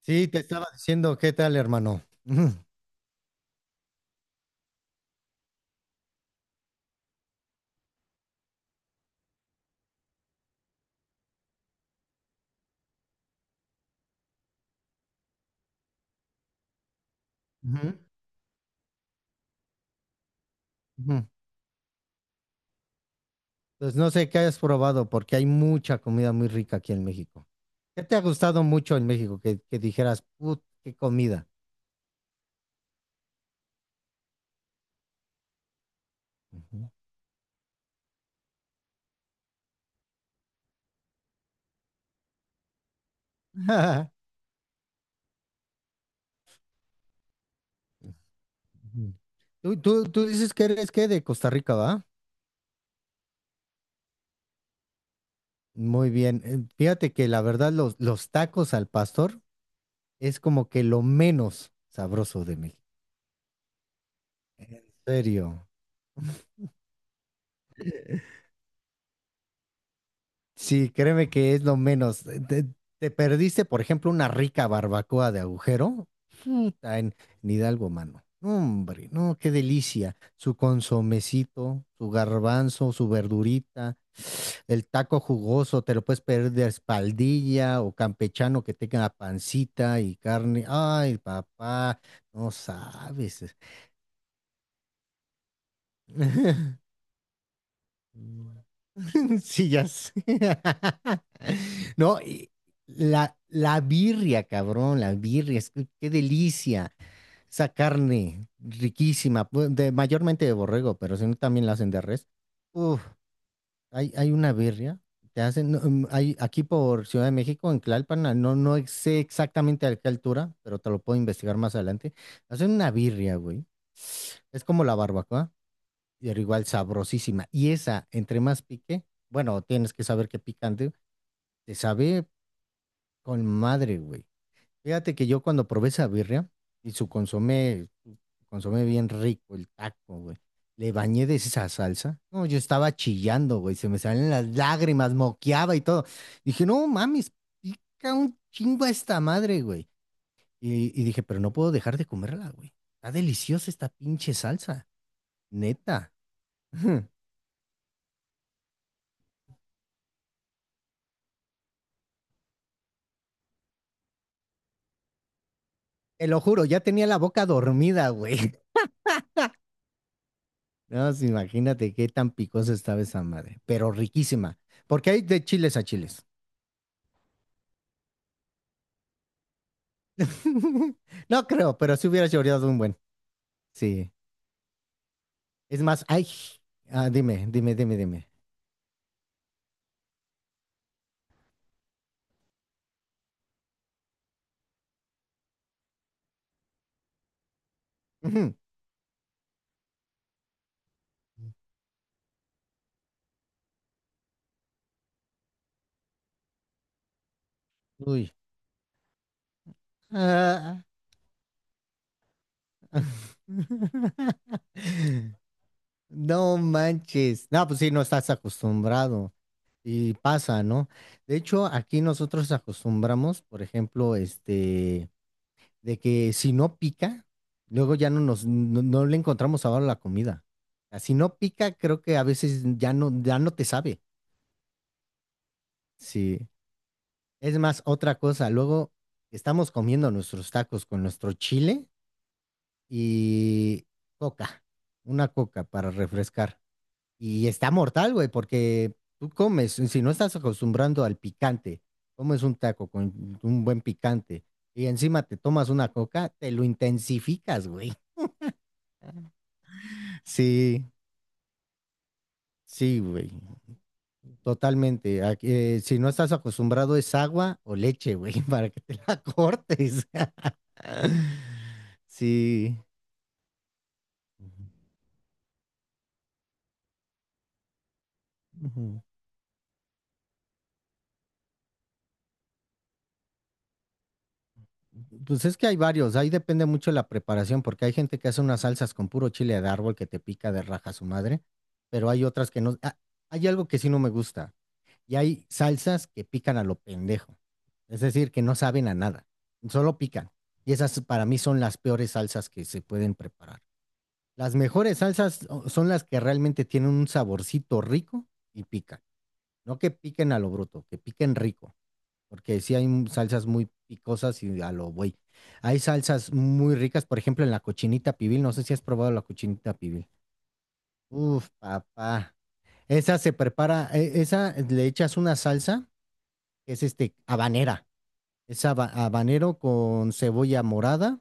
Sí, te estaba diciendo, ¿qué tal, hermano? Ujú, ujú, ujú. Pues no sé qué hayas probado, porque hay mucha comida muy rica aquí en México. ¿Qué te ha gustado mucho en México? Que dijeras, put, qué comida. Ujú. Ujú. Tú dices que eres que de Costa Rica, ¿va? Muy bien. Fíjate que la verdad, los tacos al pastor es como que lo menos sabroso de México. En serio. Sí, créeme que es lo menos. Te perdiste, por ejemplo, una rica barbacoa de agujero. Puta, en Hidalgo, mano. No, hombre, no, qué delicia. Su consomecito, su garbanzo, su verdurita, el taco jugoso, te lo puedes pedir de espaldilla o campechano que tenga pancita y carne. Ay, papá, no sabes. Sí, ya sé. No, y la birria, cabrón, la birria, es que qué delicia. Esa carne riquísima, de, mayormente de borrego, pero si no también la hacen de res. Uf, hay una birria, te hacen, no, hay, aquí por Ciudad de México, en Tlalpan, no sé exactamente a qué altura, pero te lo puedo investigar más adelante. Hacen una birria, güey. Es como la barbacoa pero igual sabrosísima. Y esa, entre más pique, bueno, tienes que saber que picante, te sabe con madre, güey. Fíjate que yo cuando probé esa birria y su consomé bien rico, el taco, güey. Le bañé de esa salsa. No, yo estaba chillando, güey. Se me salen las lágrimas, moqueaba y todo. Dije, no mames, pica un chingo a esta madre, güey. Y dije, pero no puedo dejar de comerla, güey. Está deliciosa esta pinche salsa, neta. Te lo juro, ya tenía la boca dormida, güey. No, pues, imagínate qué tan picosa estaba esa madre, pero riquísima, porque hay de chiles a chiles. No creo, pero si hubiera llorado un buen. Sí. Es más, ay, dime, dime, dime, dime. Ujú. Uy. Ah. No manches. No, pues sí, no estás acostumbrado. Y pasa, ¿no? De hecho, aquí nosotros acostumbramos, por ejemplo, este, de que si no pica, luego ya no nos, no, no le encontramos sabor a la comida. Ah, si no pica, creo que a veces ya no te sabe. Sí. Es más, otra cosa, luego estamos comiendo nuestros tacos con nuestro chile y coca, una coca para refrescar. Y está mortal, güey, porque tú comes, si no estás acostumbrando al picante, comes un taco con un buen picante y encima te tomas una coca, te lo intensificas, güey. Sí. Sí, güey, totalmente. Aquí, si no estás acostumbrado es agua o leche, güey, para que te la cortes. Sí. Ujú. Pues es que hay varios, ahí depende mucho la preparación, porque hay gente que hace unas salsas con puro chile de árbol que te pica de raja su madre, pero hay otras que no. Hay algo que sí no me gusta, y hay salsas que pican a lo pendejo, es decir, que no saben a nada, solo pican. Y esas para mí son las peores salsas que se pueden preparar. Las mejores salsas son las que realmente tienen un saborcito rico y pican. No que piquen a lo bruto, que piquen rico. Porque sí hay salsas muy picosas y a lo güey. Hay salsas muy ricas, por ejemplo, en la cochinita pibil. No sé si has probado la cochinita pibil. Uf, papá. Esa se prepara, esa le echas una salsa, que es este, habanera. Es habanero con cebolla morada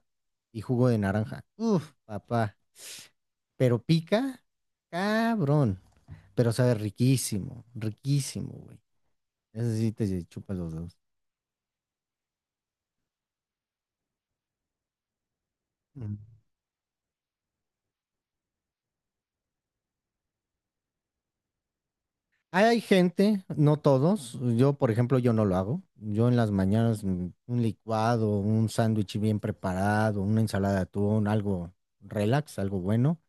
y jugo de naranja. Uf, papá. Pero pica, cabrón. Pero sabe riquísimo, riquísimo, güey. Ese sí te chupa los dedos. Mm. Hay gente, no todos, yo por ejemplo, yo no lo hago. Yo en las mañanas un licuado, un sándwich bien preparado, una ensalada de atún, algo relax, algo bueno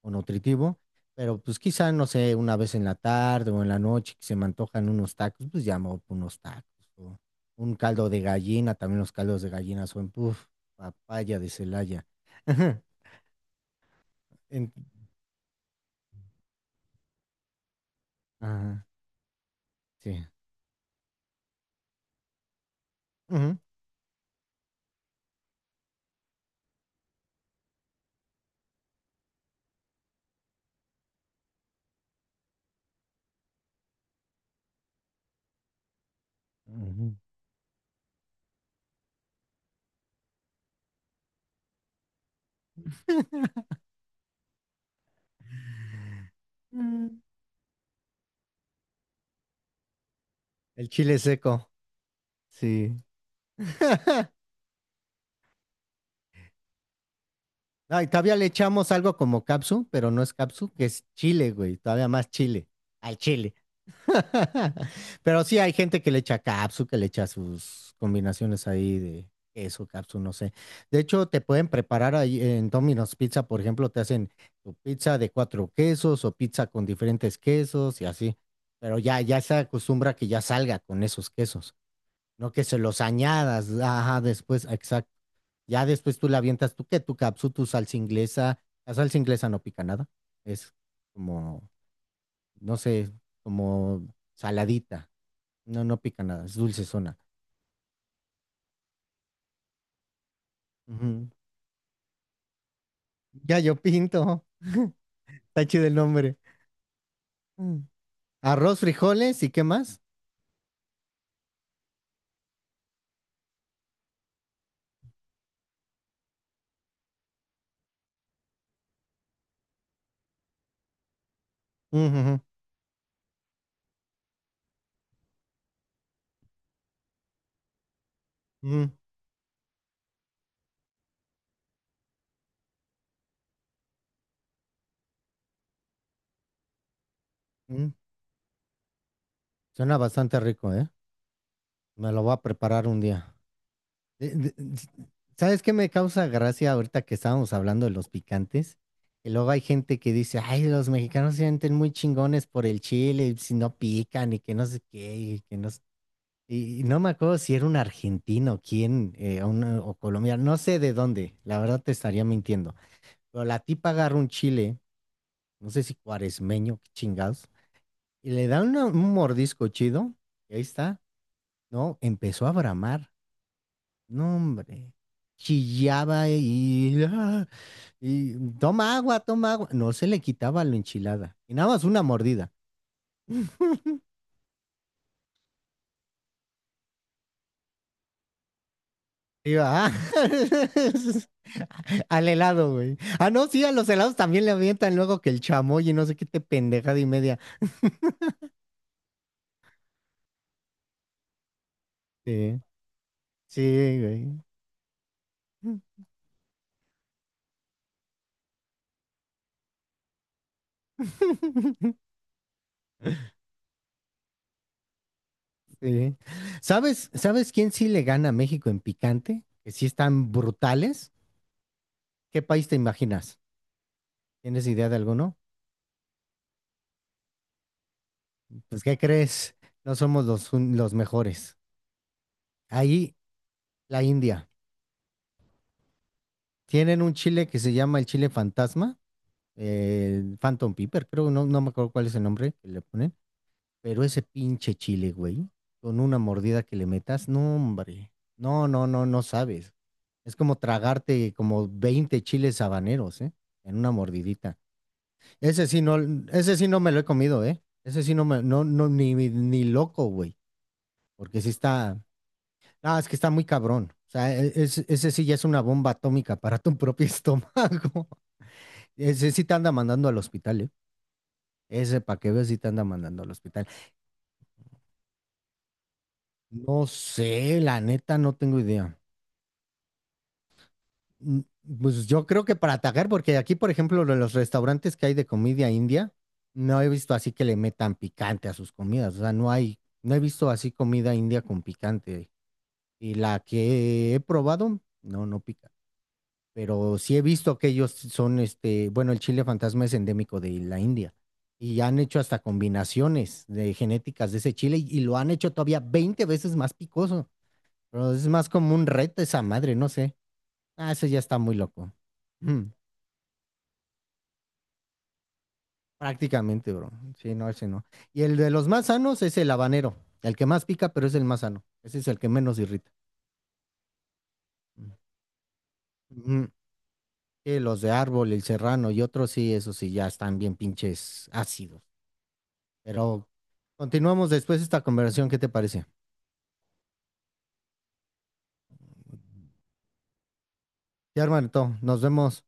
o nutritivo. Pero pues quizá, no sé, una vez en la tarde o en la noche que se me antojan unos tacos, pues ya me voy por unos tacos. O un caldo de gallina, también los caldos de gallina son, papaya de Celaya. En- Ajá, sí. Ujú. Ujú. Mm, el chile seco, sí. Ay, todavía le echamos algo como capsu, pero no es capsu, que es chile, güey. Todavía más chile. Al chile. Pero sí hay gente que le echa capsu, que le echa sus combinaciones ahí de queso, capsu, no sé. De hecho, te pueden preparar ahí en Domino's Pizza, por ejemplo, te hacen tu pizza de cuatro quesos o pizza con diferentes quesos y así. Pero ya se acostumbra que ya salga con esos quesos. No que se los añadas, ajá, después, exacto. Ya después tú la avientas, tú que tu capsu, tu salsa inglesa. La salsa inglesa no pica nada. Es como, no sé, como saladita. No, no pica nada, es dulce zona. Ya yo pinto. Está chido el nombre. Mm. Arroz, frijoles y qué más. Ujú, ujú, ujú. Ujú. Suena bastante rico, ¿eh? Me lo voy a preparar un día. De- de- ¿Sabes qué me causa gracia ahorita que estábamos hablando de los picantes? Que luego hay gente que dice, ay, los mexicanos se sienten muy chingones por el chile, y si no pican y que no sé qué, y que no sé-". Y no me acuerdo si era un argentino, quién, o colombiano, no sé de dónde, la verdad te estaría mintiendo. Pero la tipa agarra un chile, no sé si cuaresmeño, qué chingados, y le da un mordisco chido, y ahí está, ¿no? Empezó a bramar. No, hombre. Chillaba y toma agua, toma agua. No se le quitaba la enchilada. Y nada más una mordida. Iba, al helado, güey. Ah, no, sí, a los helados también le avientan luego que el chamoy y no sé qué te pendejada y media. Sí, sí, güey. Sí. ¿Sabes quién sí le gana a México en picante? Que sí están brutales. ¿Qué país te imaginas? ¿Tienes idea de alguno? Pues, ¿qué crees? No somos los mejores. Ahí, la India. Tienen un chile que se llama el chile fantasma, el Phantom pepper creo, no, no me acuerdo cuál es el nombre que le ponen, pero ese pinche chile, güey, con una mordida que le metas, no, hombre, no sabes. Es como tragarte como 20 chiles habaneros, ¿eh? En una mordidita. Ese sí no, ese sí no me lo he comido, ¿eh? Ese sí no me, no, ni loco, güey, porque sí está. No, es que está muy cabrón. O sea, ese sí ya es una bomba atómica para tu propio estómago. Ese sí te anda mandando al hospital, ¿eh? Ese para que veas sí te anda mandando al hospital. No sé, la neta, no tengo idea. Mm, Pues yo creo que para atacar, porque aquí, por ejemplo, lo de los restaurantes que hay de comida india, no he visto así que le metan picante a sus comidas. O sea, no hay, no he visto así comida india con picante. Y la que he probado, no, pero sí he visto que ellos son, este, bueno, el chile fantasma es endémico de la India y han hecho hasta combinaciones de genéticas de ese chile y lo han hecho todavía 20 veces más picoso, pero es más como un reto esa madre, no sé. Ah, ese ya está muy loco. Mm, prácticamente, bro. Sí, no, ese no. Y el de los más sanos es el habanero, el que más pica, pero es el más sano. Ese es el que menos irrita. Mm. Ujú. Sí, los de árbol, el serrano y otros, sí, esos sí ya están bien pinches ácidos. Pero continuamos después esta conversación, ¿qué te parece? Ya, hermanito, nos vemos.